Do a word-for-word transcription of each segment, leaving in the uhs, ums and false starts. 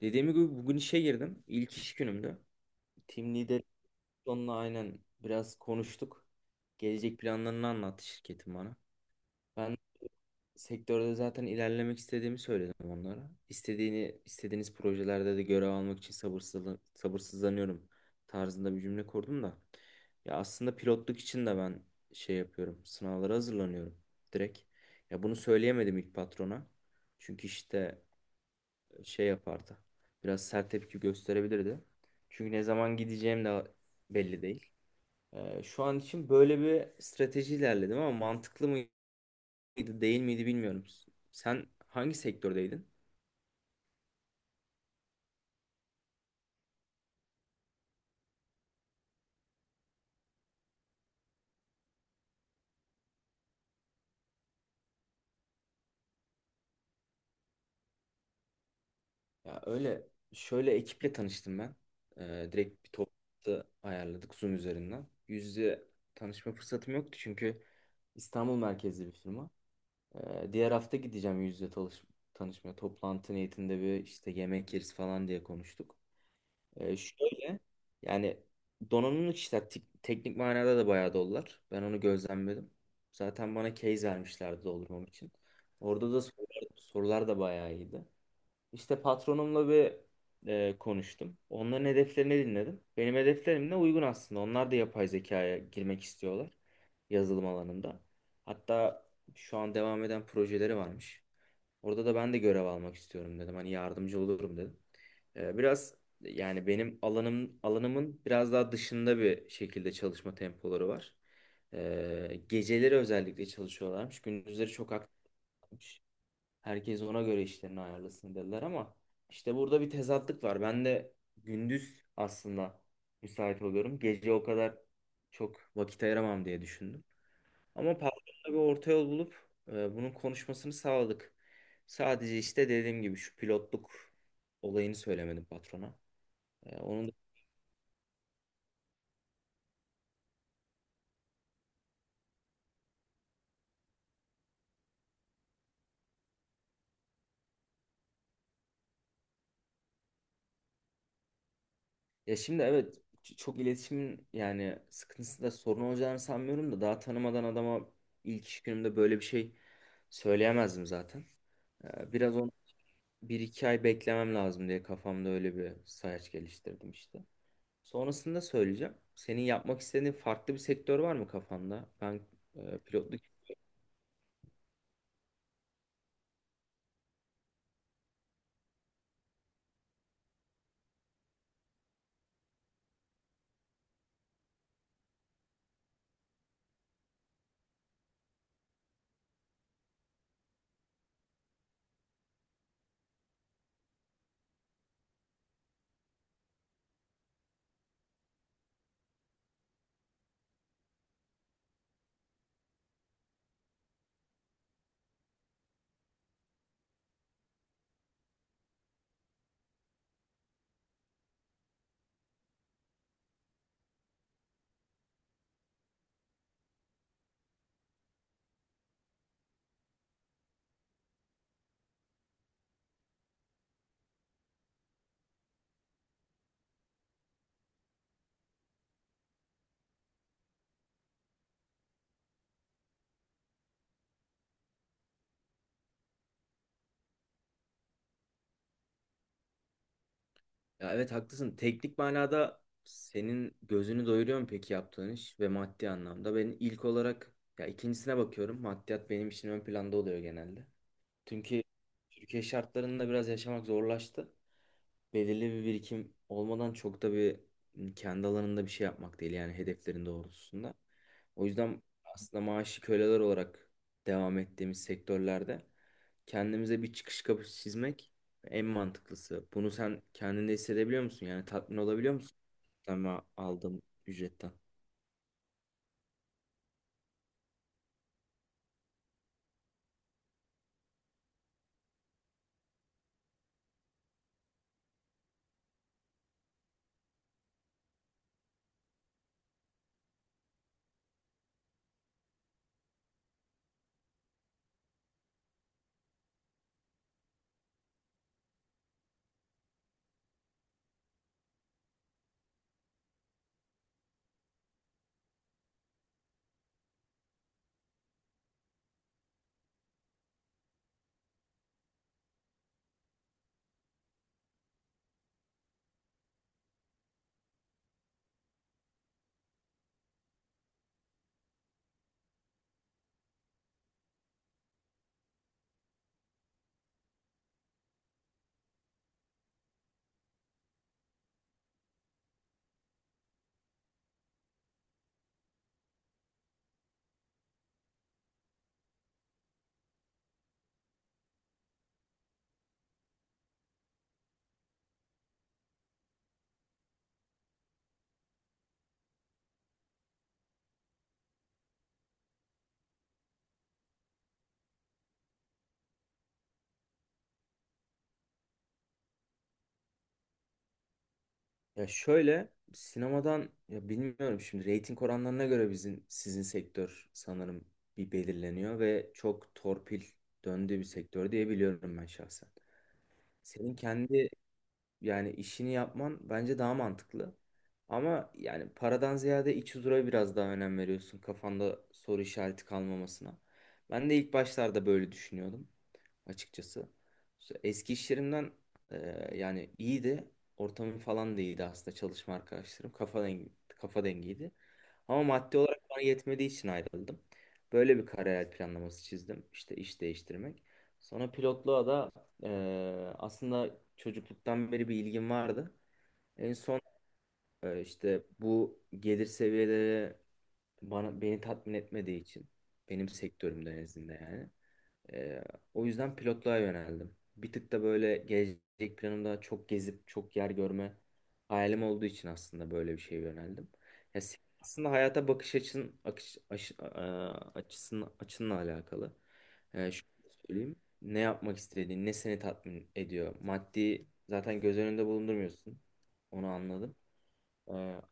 Dediğim gibi bugün işe girdim. İlk iş günümdü. Team lider onunla aynen biraz konuştuk. Gelecek planlarını anlattı şirketin bana. Ben sektörde zaten ilerlemek istediğimi söyledim onlara. İstediğini, istediğiniz projelerde de görev almak için sabırsızlan sabırsızlanıyorum tarzında bir cümle kurdum da. Ya aslında pilotluk için de ben şey yapıyorum. Sınavlara hazırlanıyorum direkt. Ya bunu söyleyemedim ilk patrona. Çünkü işte şey yapardı. Biraz sert tepki gösterebilirdi. Çünkü ne zaman gideceğim de belli değil. Ee, şu an için böyle bir strateji ilerledim ama mantıklı mıydı değil miydi bilmiyorum. Sen hangi sektördeydin? Ya öyle şöyle ekiple tanıştım ben. Ee, direkt bir toplantı ayarladık Zoom üzerinden. Yüz yüze tanışma fırsatım yoktu çünkü İstanbul merkezli bir firma. Ee, diğer hafta gideceğim yüz yüze tanış- tanışmaya. Toplantı niyetinde bir işte yemek yeriz falan diye konuştuk. Ee, şöyle yani donanımlı kişiler tik- teknik manada da bayağı dolular. Ben onu gözlemledim. Zaten bana case vermişlerdi doldurmam için. Orada da sorular, sorular da bayağı iyiydi. İşte patronumla bir e, konuştum. Onların hedeflerini dinledim. Benim hedeflerimle uygun aslında. Onlar da yapay zekaya girmek istiyorlar yazılım alanında. Hatta şu an devam eden projeleri varmış. Orada da ben de görev almak istiyorum dedim. Hani yardımcı olurum dedim. Ee, biraz yani benim alanım alanımın biraz daha dışında bir şekilde çalışma tempoları var. Ee, geceleri özellikle çalışıyorlarmış. Gündüzleri çok aktifmiş. Herkes ona göre işlerini ayarlasın dediler ama işte burada bir tezatlık var. Ben de gündüz aslında müsait oluyorum. Gece o kadar çok vakit ayıramam diye düşündüm. Ama patronla bir orta yol bulup e, bunun konuşmasını sağladık. Sadece işte dediğim gibi şu pilotluk olayını söylemedim patrona. E, onun da- ya şimdi evet ç- çok iletişimin yani sıkıntısı da sorun olacağını sanmıyorum da daha tanımadan adama ilk iş günümde böyle bir şey söyleyemezdim zaten. E, biraz on bir iki ay beklemem lazım diye kafamda öyle bir sayaç geliştirdim işte. Sonrasında söyleyeceğim. Senin yapmak istediğin farklı bir sektör var mı kafanda? Ben e, pilotluk Ya evet haklısın. Teknik manada senin gözünü doyuruyor mu peki yaptığın iş ve maddi anlamda? Ben ilk olarak ya ikincisine bakıyorum. Maddiyat benim için ön planda oluyor genelde. Çünkü Türkiye şartlarında biraz yaşamak zorlaştı belirli bir birikim olmadan çok da bir kendi alanında bir şey yapmak değil yani hedeflerin doğrultusunda. O yüzden aslında maaşı köleler olarak devam ettiğimiz sektörlerde kendimize bir çıkış kapısı çizmek en mantıklısı. Bunu sen kendinde hissedebiliyor musun? Yani tatmin olabiliyor musun? Ama aldığım ücretten. Ya şöyle sinemadan ya bilmiyorum şimdi reyting oranlarına göre bizim sizin sektör sanırım bir belirleniyor ve çok torpil döndüğü bir sektör diye biliyorum ben şahsen. Senin kendi yani işini yapman bence daha mantıklı. Ama yani paradan ziyade iç huzura biraz daha önem veriyorsun kafanda soru işareti kalmamasına. Ben de ilk başlarda böyle düşünüyordum açıkçası. Eski iş yerimden e, yani iyiydi. Ortamım falan da iyiydi aslında çalışma arkadaşlarım. Kafa dengi, kafa dengiydi. Ama maddi olarak bana yetmediği için ayrıldım. Böyle bir kariyer planlaması çizdim. İşte iş değiştirmek. Sonra pilotluğa da e, aslında çocukluktan beri bir ilgim vardı. En son e, işte bu gelir seviyeleri bana beni tatmin etmediği için benim sektörümde en yani. Ee, O yüzden pilotluğa yöneldim. Bir tık da böyle gelecek planımda çok gezip çok yer görme hayalim olduğu için aslında böyle bir şeye yöneldim. Ya, se- aslında hayata bakış açın akış, aşı- a- açısın, açınla alakalı. Ee, şöyle söyleyeyim. Ne yapmak istediğin, ne seni tatmin ediyor. Maddi zaten göz önünde bulundurmuyorsun. Onu anladım. Ee,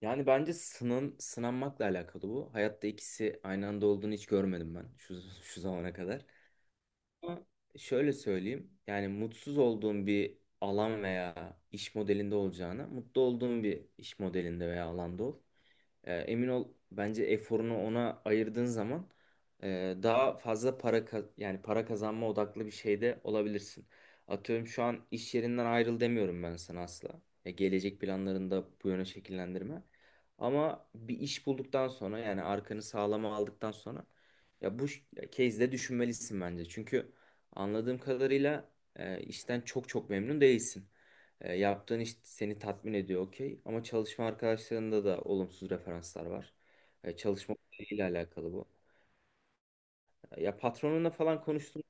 Yani bence sının, sınanmakla alakalı bu. Hayatta ikisi aynı anda olduğunu hiç görmedim ben şu, şu zamana kadar. Ama şöyle söyleyeyim. Yani mutsuz olduğum bir alan veya iş modelinde olacağına mutlu olduğum bir iş modelinde veya alanda ol. E, emin ol bence eforunu ona ayırdığın zaman e, daha fazla para ka- yani para kazanma odaklı bir şeyde olabilirsin. Atıyorum şu an iş yerinden ayrıl demiyorum ben sana asla. Ya gelecek planlarında bu yöne şekillendirme. Ama bir iş bulduktan sonra yani arkanı sağlama aldıktan sonra ya bu ş- ya case'de düşünmelisin bence. Çünkü anladığım kadarıyla e, işten çok çok memnun değilsin. E, yaptığın iş seni tatmin ediyor okey. Ama çalışma arkadaşlarında da olumsuz referanslar var. E, çalışma ile alakalı bu. Ya patronunla falan konuştum.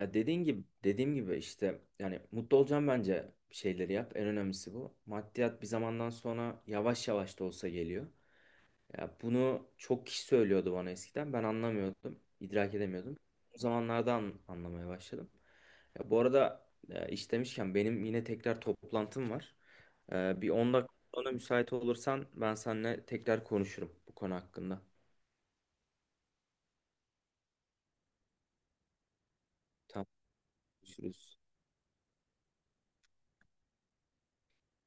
Ya dediğin gibi dediğim gibi işte yani mutlu olacağım bence bir şeyleri yap. En önemlisi bu. Maddiyat bir zamandan sonra yavaş yavaş da olsa geliyor. Ya bunu çok kişi söylüyordu bana eskiden. Ben anlamıyordum, idrak edemiyordum. O zamanlardan anlamaya başladım. Ya bu arada e, iş demişken benim yine tekrar toplantım var. E, bir on dakika sonra müsait olursan ben seninle tekrar konuşurum bu konu hakkında. Tamam, görüşürüz.